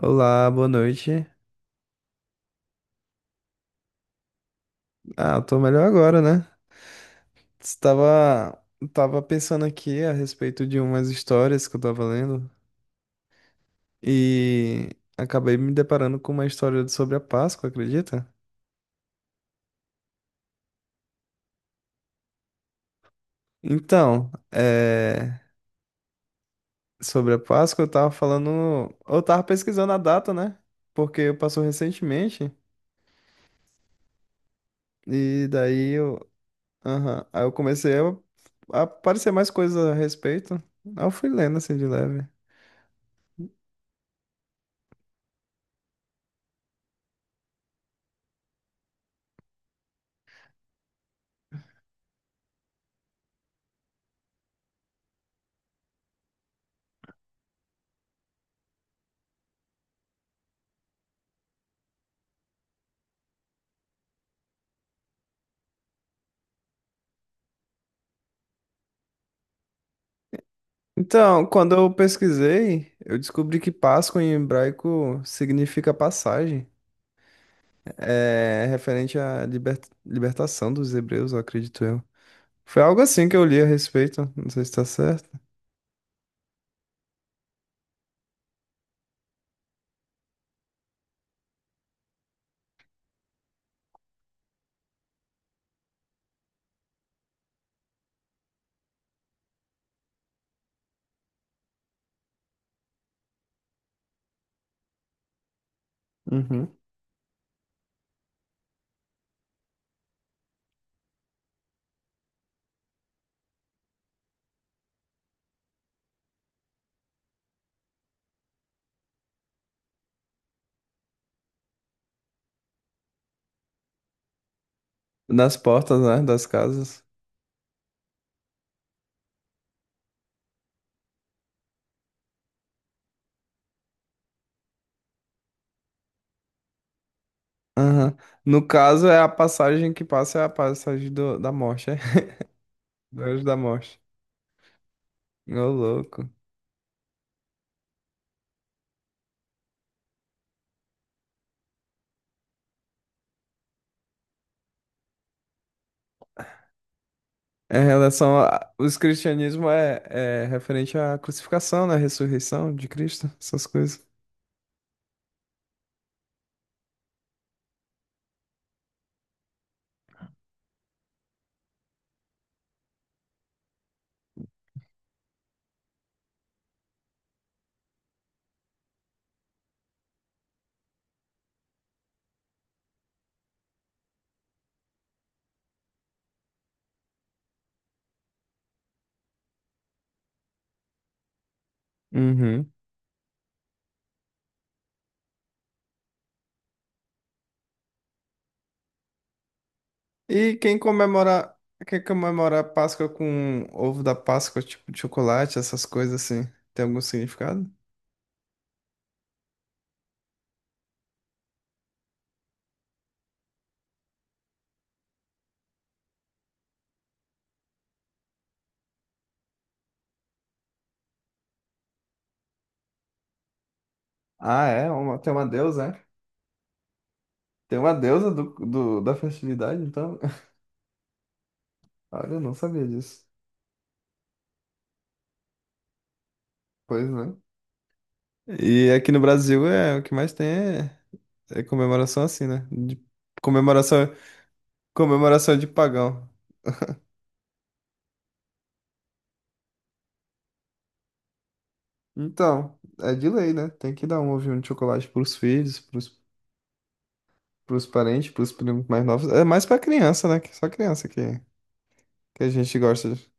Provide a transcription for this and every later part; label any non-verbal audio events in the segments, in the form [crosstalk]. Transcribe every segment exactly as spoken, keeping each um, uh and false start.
Olá, boa noite. Ah, eu tô melhor agora, né? Estava, tava pensando aqui a respeito de umas histórias que eu tava lendo e acabei me deparando com uma história sobre a Páscoa, acredita? Então, é, sobre a Páscoa eu tava falando, eu tava pesquisando a data, né? Porque passou recentemente e daí eu, aham, aí eu comecei a, a aparecer mais coisas a respeito. Aí eu fui lendo assim de leve. Então, quando eu pesquisei, eu descobri que Páscoa em hebraico significa passagem. É referente à liber- libertação dos hebreus, eu acredito eu. Foi algo assim que eu li a respeito, não sei se tá certo. Uhum. Das portas, né? Das casas. Aham. No caso, é a passagem que passa, é a passagem do- da morte, é? [laughs] Do anjo da morte. Ô, louco. Em relação a... Os cristianismo é, é referente à crucificação, né? Ressurreição de Cristo, essas coisas. Uhum. E quem comemora, quem comemora a Páscoa com ovo da Páscoa, tipo de chocolate, essas coisas assim, tem algum significado? Ah, é? Uma- tem uma deusa, é? Tem uma deusa do, do- da festividade, então? [laughs] Olha, eu não sabia disso. Pois né? E aqui no Brasil é o que mais tem é, é comemoração assim, né? De- comemoração, comemoração de pagão. Então, é de lei, né? Tem que dar um ovinho de chocolate pros filhos, pros, pros parentes, pros primos mais novos. É mais pra criança, né? Que só criança que, que a gente gosta. de-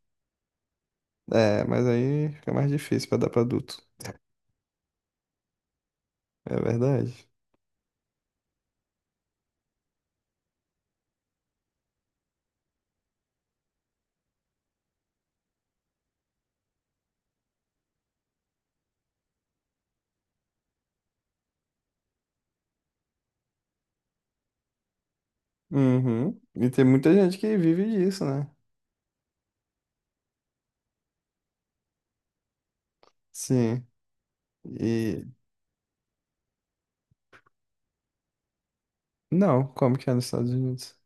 É, mas aí fica mais difícil pra dar pra adulto. É verdade. Uhum. E tem muita gente que vive disso, né? Sim. E. Não, como que é nos Estados Unidos?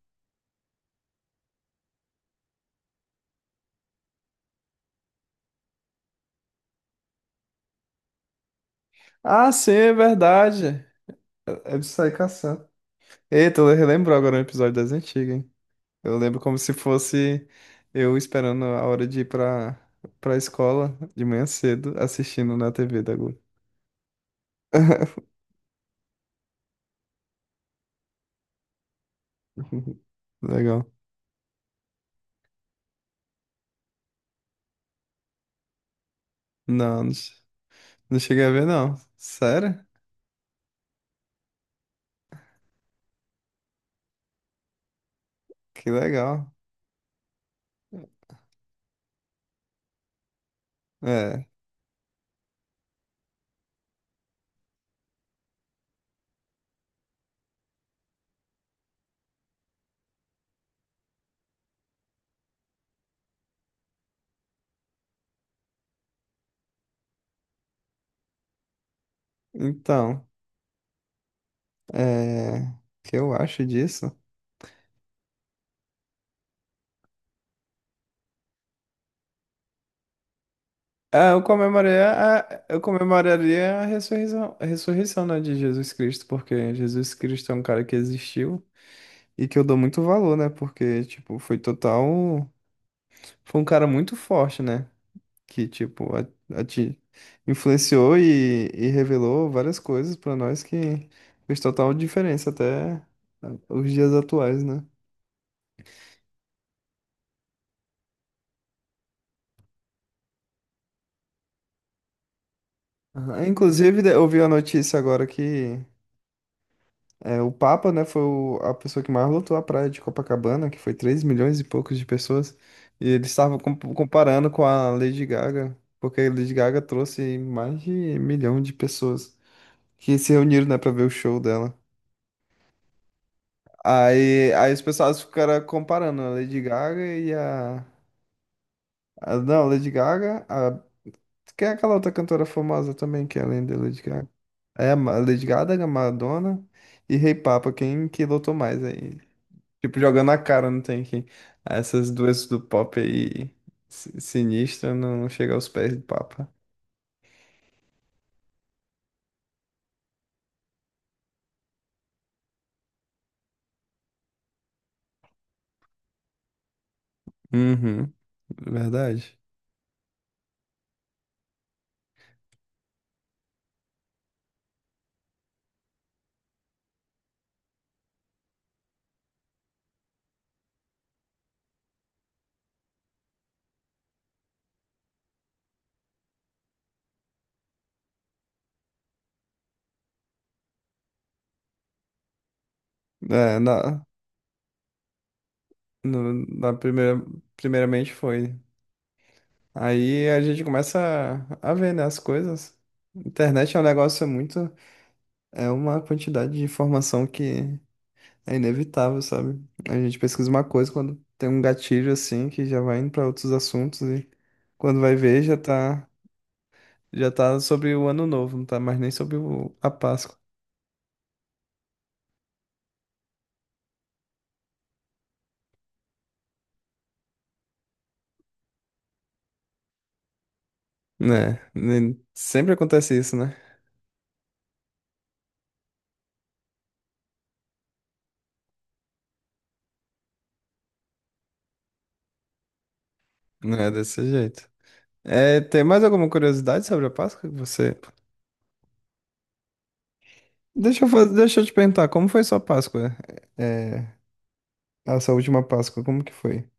Ah, sim, é verdade. É de sair caçando. Eita, eu relembro agora um episódio das antigas, hein? Eu lembro como se fosse eu esperando a hora de ir pra, pra escola de manhã cedo, assistindo na T V da Globo. [laughs] Legal. Não, não, che- não cheguei a ver, não. Sério? Que legal. É, então, é, o que eu acho disso? Ah, eu comemoraria a, eu comemoraria a ressurreição, a ressurreição, né, de Jesus Cristo, porque Jesus Cristo é um cara que existiu e que eu dou muito valor, né, porque, tipo, foi total. Foi um cara muito forte, né? Que, tipo, a, a ti- influenciou e, e revelou várias coisas pra nós que fez total diferença até os dias atuais, né? Aham. Inclusive, de- eu vi a notícia agora que é, o Papa, né, foi o- a pessoa que mais lotou a praia de Copacabana, que foi três milhões e poucos de pessoas, e eles estavam com- comparando com a Lady Gaga, porque a Lady Gaga trouxe mais de um milhão de pessoas que se reuniram, né, pra ver o show dela. Aí, aí os pessoas ficaram comparando a Lady Gaga e a, a- não, a Lady Gaga, a, quem é aquela outra cantora famosa também que é além da Lady Gaga? É, a Ma- Lady Gaga, Madonna e Rei Papa, quem que lotou mais aí? Tipo, jogando a cara, não tem quem. Essas duas do pop aí, si- sinistra, não chega aos pés do Papa. Uhum, verdade. É, na, no- na primeira, primeiramente foi. Aí a gente começa a, a ver, né, as coisas. Internet é um negócio muito. É uma quantidade de informação que é inevitável, sabe? A gente pesquisa uma coisa quando tem um gatilho assim que já vai indo pra outros assuntos e quando vai ver já tá, já tá sobre o ano novo, não tá mais nem sobre o- a Páscoa. Né? nem- Sempre acontece isso, né? Não é desse jeito. É, tem mais alguma curiosidade sobre a Páscoa que você. Deixa eu, faz- deixa eu te perguntar, como foi sua Páscoa? É, essa última Páscoa, como que foi?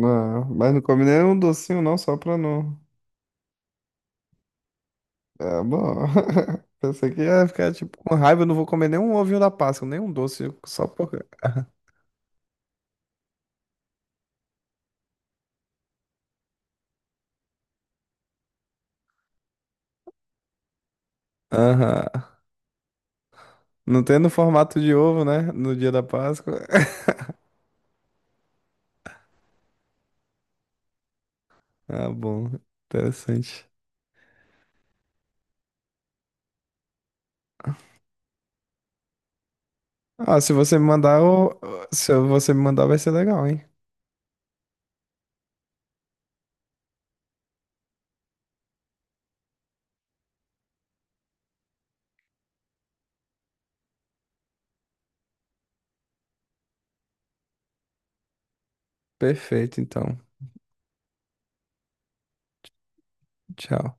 Ah, mas não comi nem um docinho, não, só pra não. É bom. [laughs] Pensei que ia ficar tipo com raiva, eu não vou comer nem um ovinho da Páscoa, nem um doce, só por. Aham. Não tem no formato de ovo, né? No dia da Páscoa. [laughs] Ah, bom. Interessante. Ah, se você me mandar, eu- se você me mandar, vai ser legal, hein? Perfeito, então. Tchau.